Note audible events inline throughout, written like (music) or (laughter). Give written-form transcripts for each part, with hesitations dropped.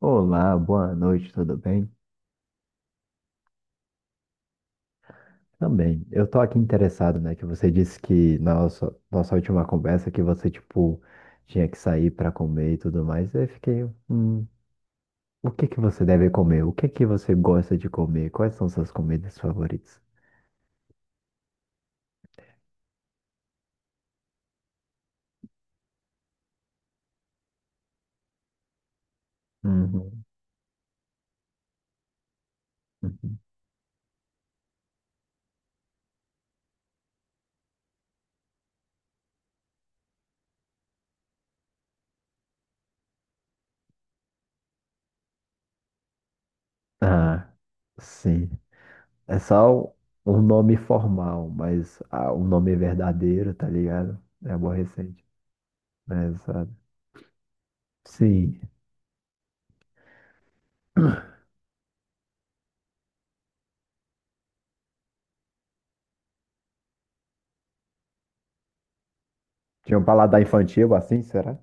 Olá, boa noite, tudo bem? Também. Eu tô aqui interessado, né? Que você disse que na nossa última conversa que você, tipo, tinha que sair pra comer e tudo mais. Eu fiquei, hum, o que que você deve comer? O que que você gosta de comer? Quais são suas comidas favoritas? Uhum, uhum. Ah, sim. É só um nome formal, mas um nome verdadeiro, tá ligado? É aborrecente. É, exato. Sim. Tinha um paladar infantil assim, será?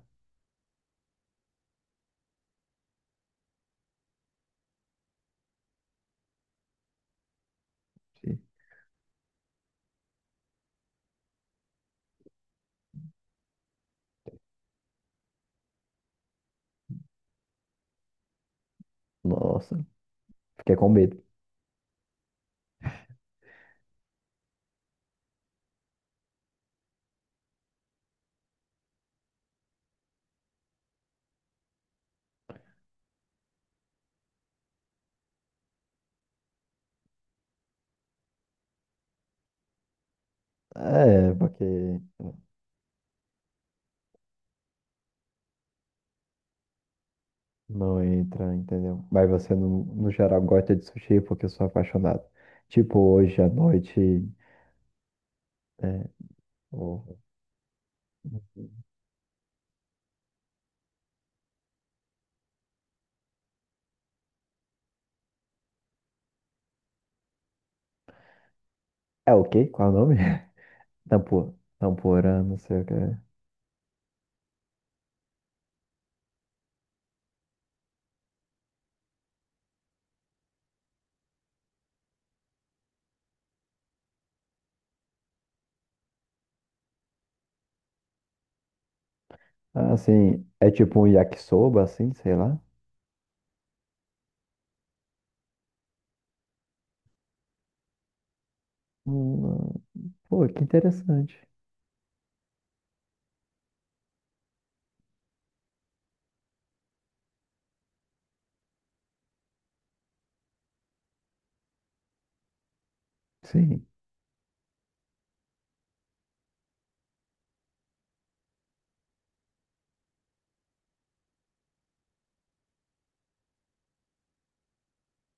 Nossa, fiquei com medo. É, porque não entra, entendeu? Mas você, no geral, gosta de sushi porque eu sou apaixonado. Tipo, hoje à noite. É, o, é o quê? Qual é o nome? (laughs) Tampura, não sei o que é. Ah, assim, é tipo um yakisoba, assim, sei lá. Hum, pô, que interessante. Sim.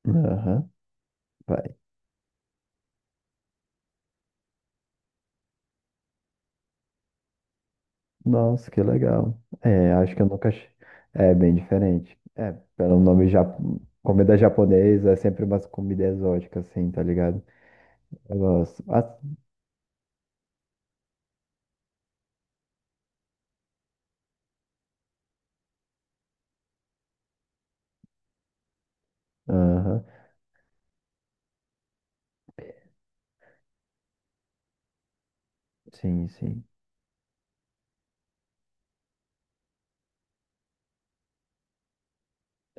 Aham. Nossa, que legal. É, acho que eu nunca. É bem diferente. É, pelo nome já, comida japonesa é sempre umas comida exótica, assim, tá ligado? Eu gosto. Ah, aham, sim, sim.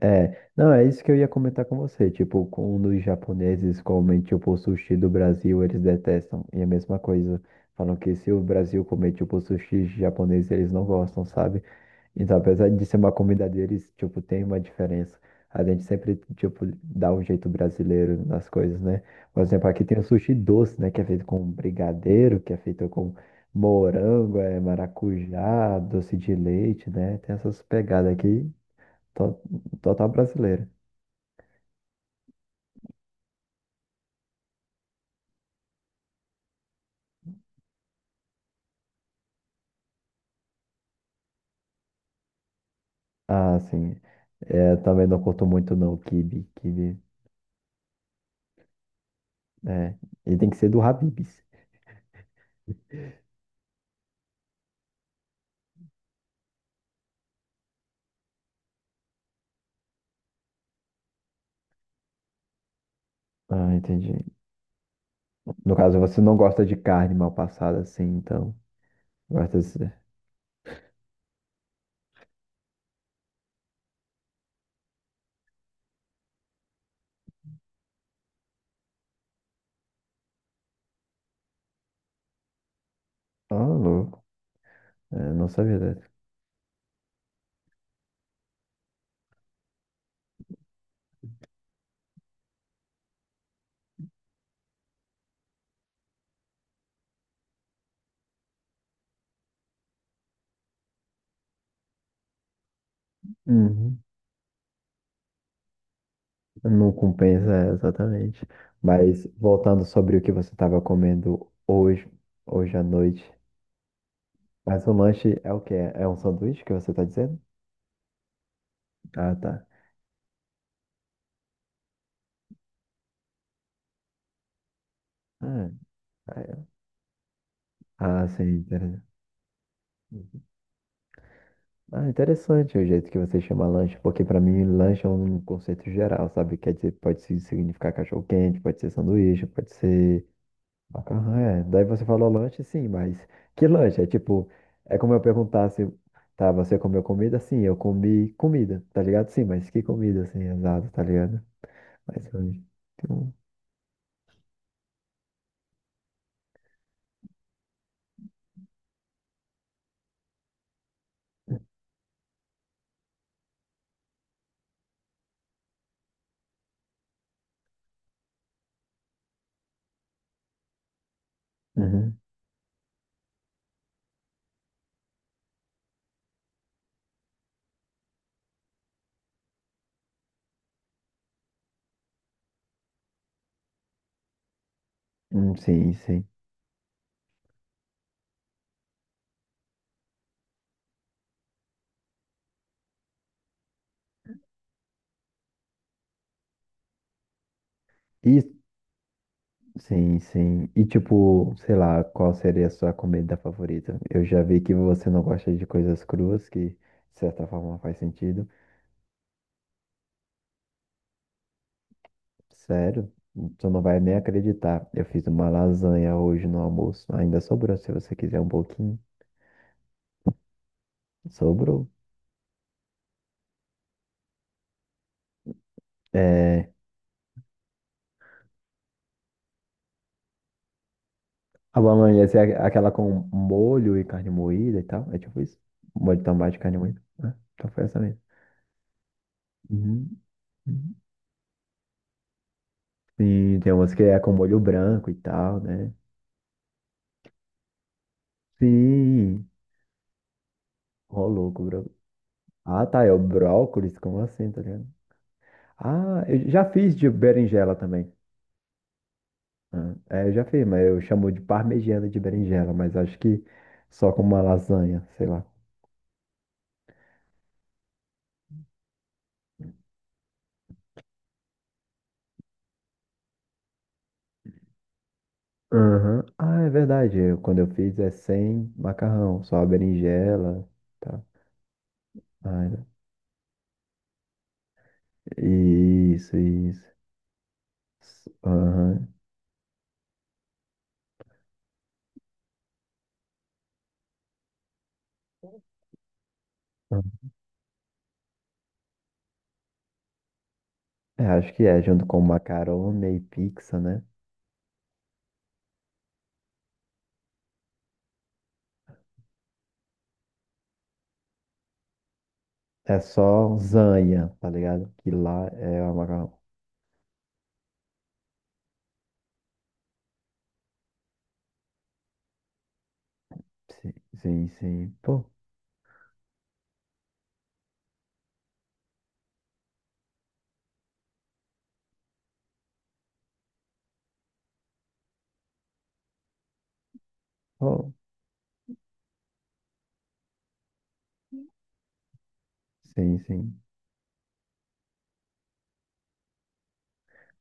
É, não, é isso que eu ia comentar com você. Tipo, quando os japoneses comem, tipo, sushi do Brasil, eles detestam. E é a mesma coisa. Falam que se o Brasil comer, tipo, sushi japonês, eles não gostam, sabe? Então, apesar de ser uma comida deles, tipo, tem uma diferença. A gente sempre, tipo, dá um jeito brasileiro nas coisas, né? Por exemplo, aqui tem o sushi doce, né? Que é feito com brigadeiro, que é feito com morango, é, maracujá, doce de leite, né? Tem essas pegadas aqui, to- total brasileira. Ah, sim. É, também não curto muito, não, quibe, quibe, né? E tem que ser do Habib's. Ah, entendi. No caso, você não gosta de carne mal passada, assim, então. Gosta desse. Ah, louco. É, não sabia dessa. Uhum. Não compensa, é, exatamente. Mas voltando sobre o que você estava comendo hoje, hoje à noite. Mas o lanche é o quê? É um sanduíche que você está dizendo? Ah, tá. Ah, ah, sim, interessante. Ah, interessante o jeito que você chama lanche, porque para mim lanche é um conceito geral, sabe? Quer dizer, pode significar cachorro-quente, pode ser sanduíche, pode ser macarrão, é. Daí você falou lanche, sim, mas que lanche? É tipo, é como eu perguntasse, tá, você comeu comida? Sim, eu comi comida, tá ligado? Sim, mas que comida, assim, exato, tá ligado? Mas lanche. Tipo, uhum. Sim, sim. E, sim, sim. E tipo, sei lá, qual seria a sua comida favorita? Eu já vi que você não gosta de coisas cruas, que de certa forma faz sentido. Sério? Tu não vai nem acreditar. Eu fiz uma lasanha hoje no almoço. Ainda sobrou, se você quiser um pouquinho. Sobrou. É... A bolonhesa é aquela com molho e carne moída e tal. É tipo isso. Molho de tomate e carne moída, né? Então foi essa mesmo. Uhum, uhum. Sim, tem umas que é com molho branco e tal, né? Sim. Ô, louco, bro. Ah, tá. É o brócolis? Como assim, tá ligado? Ah, eu já fiz de berinjela também. Ah, é, eu já fiz, mas eu chamo de parmegiana de berinjela, mas acho que só com uma lasanha, sei lá. Aham. Ah, é verdade. Quando eu fiz é sem macarrão, só a berinjela, tá? Ah, é. Isso, isso. Aham. É, acho que é, junto com macarone e pizza, né? É só zanha, tá ligado? Que lá é o macarrão. Sim, sim, sim. Pô, pô. Sim, sim.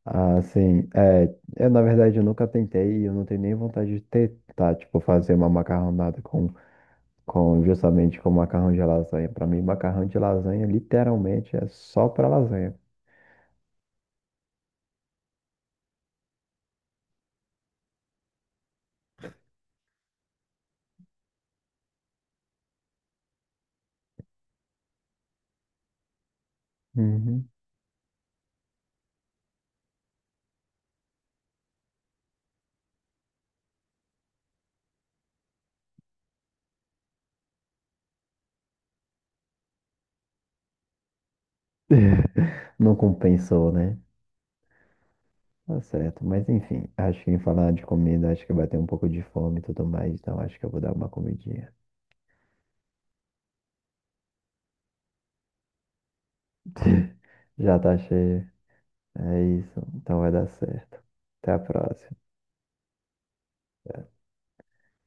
Ah, sim. É, eu, na verdade, eu nunca tentei e eu não tenho nem vontade de tentar, tipo, fazer uma macarronada com, justamente com macarrão de lasanha. Para mim, macarrão de lasanha literalmente é só para lasanha. Uhum. (laughs) Não compensou, né? Tá certo. Mas enfim, acho que em falar de comida, acho que vai ter um pouco de fome e tudo mais, então acho que eu vou dar uma comidinha. (laughs) Já tá cheio. É isso. Então vai dar certo. Até a próxima.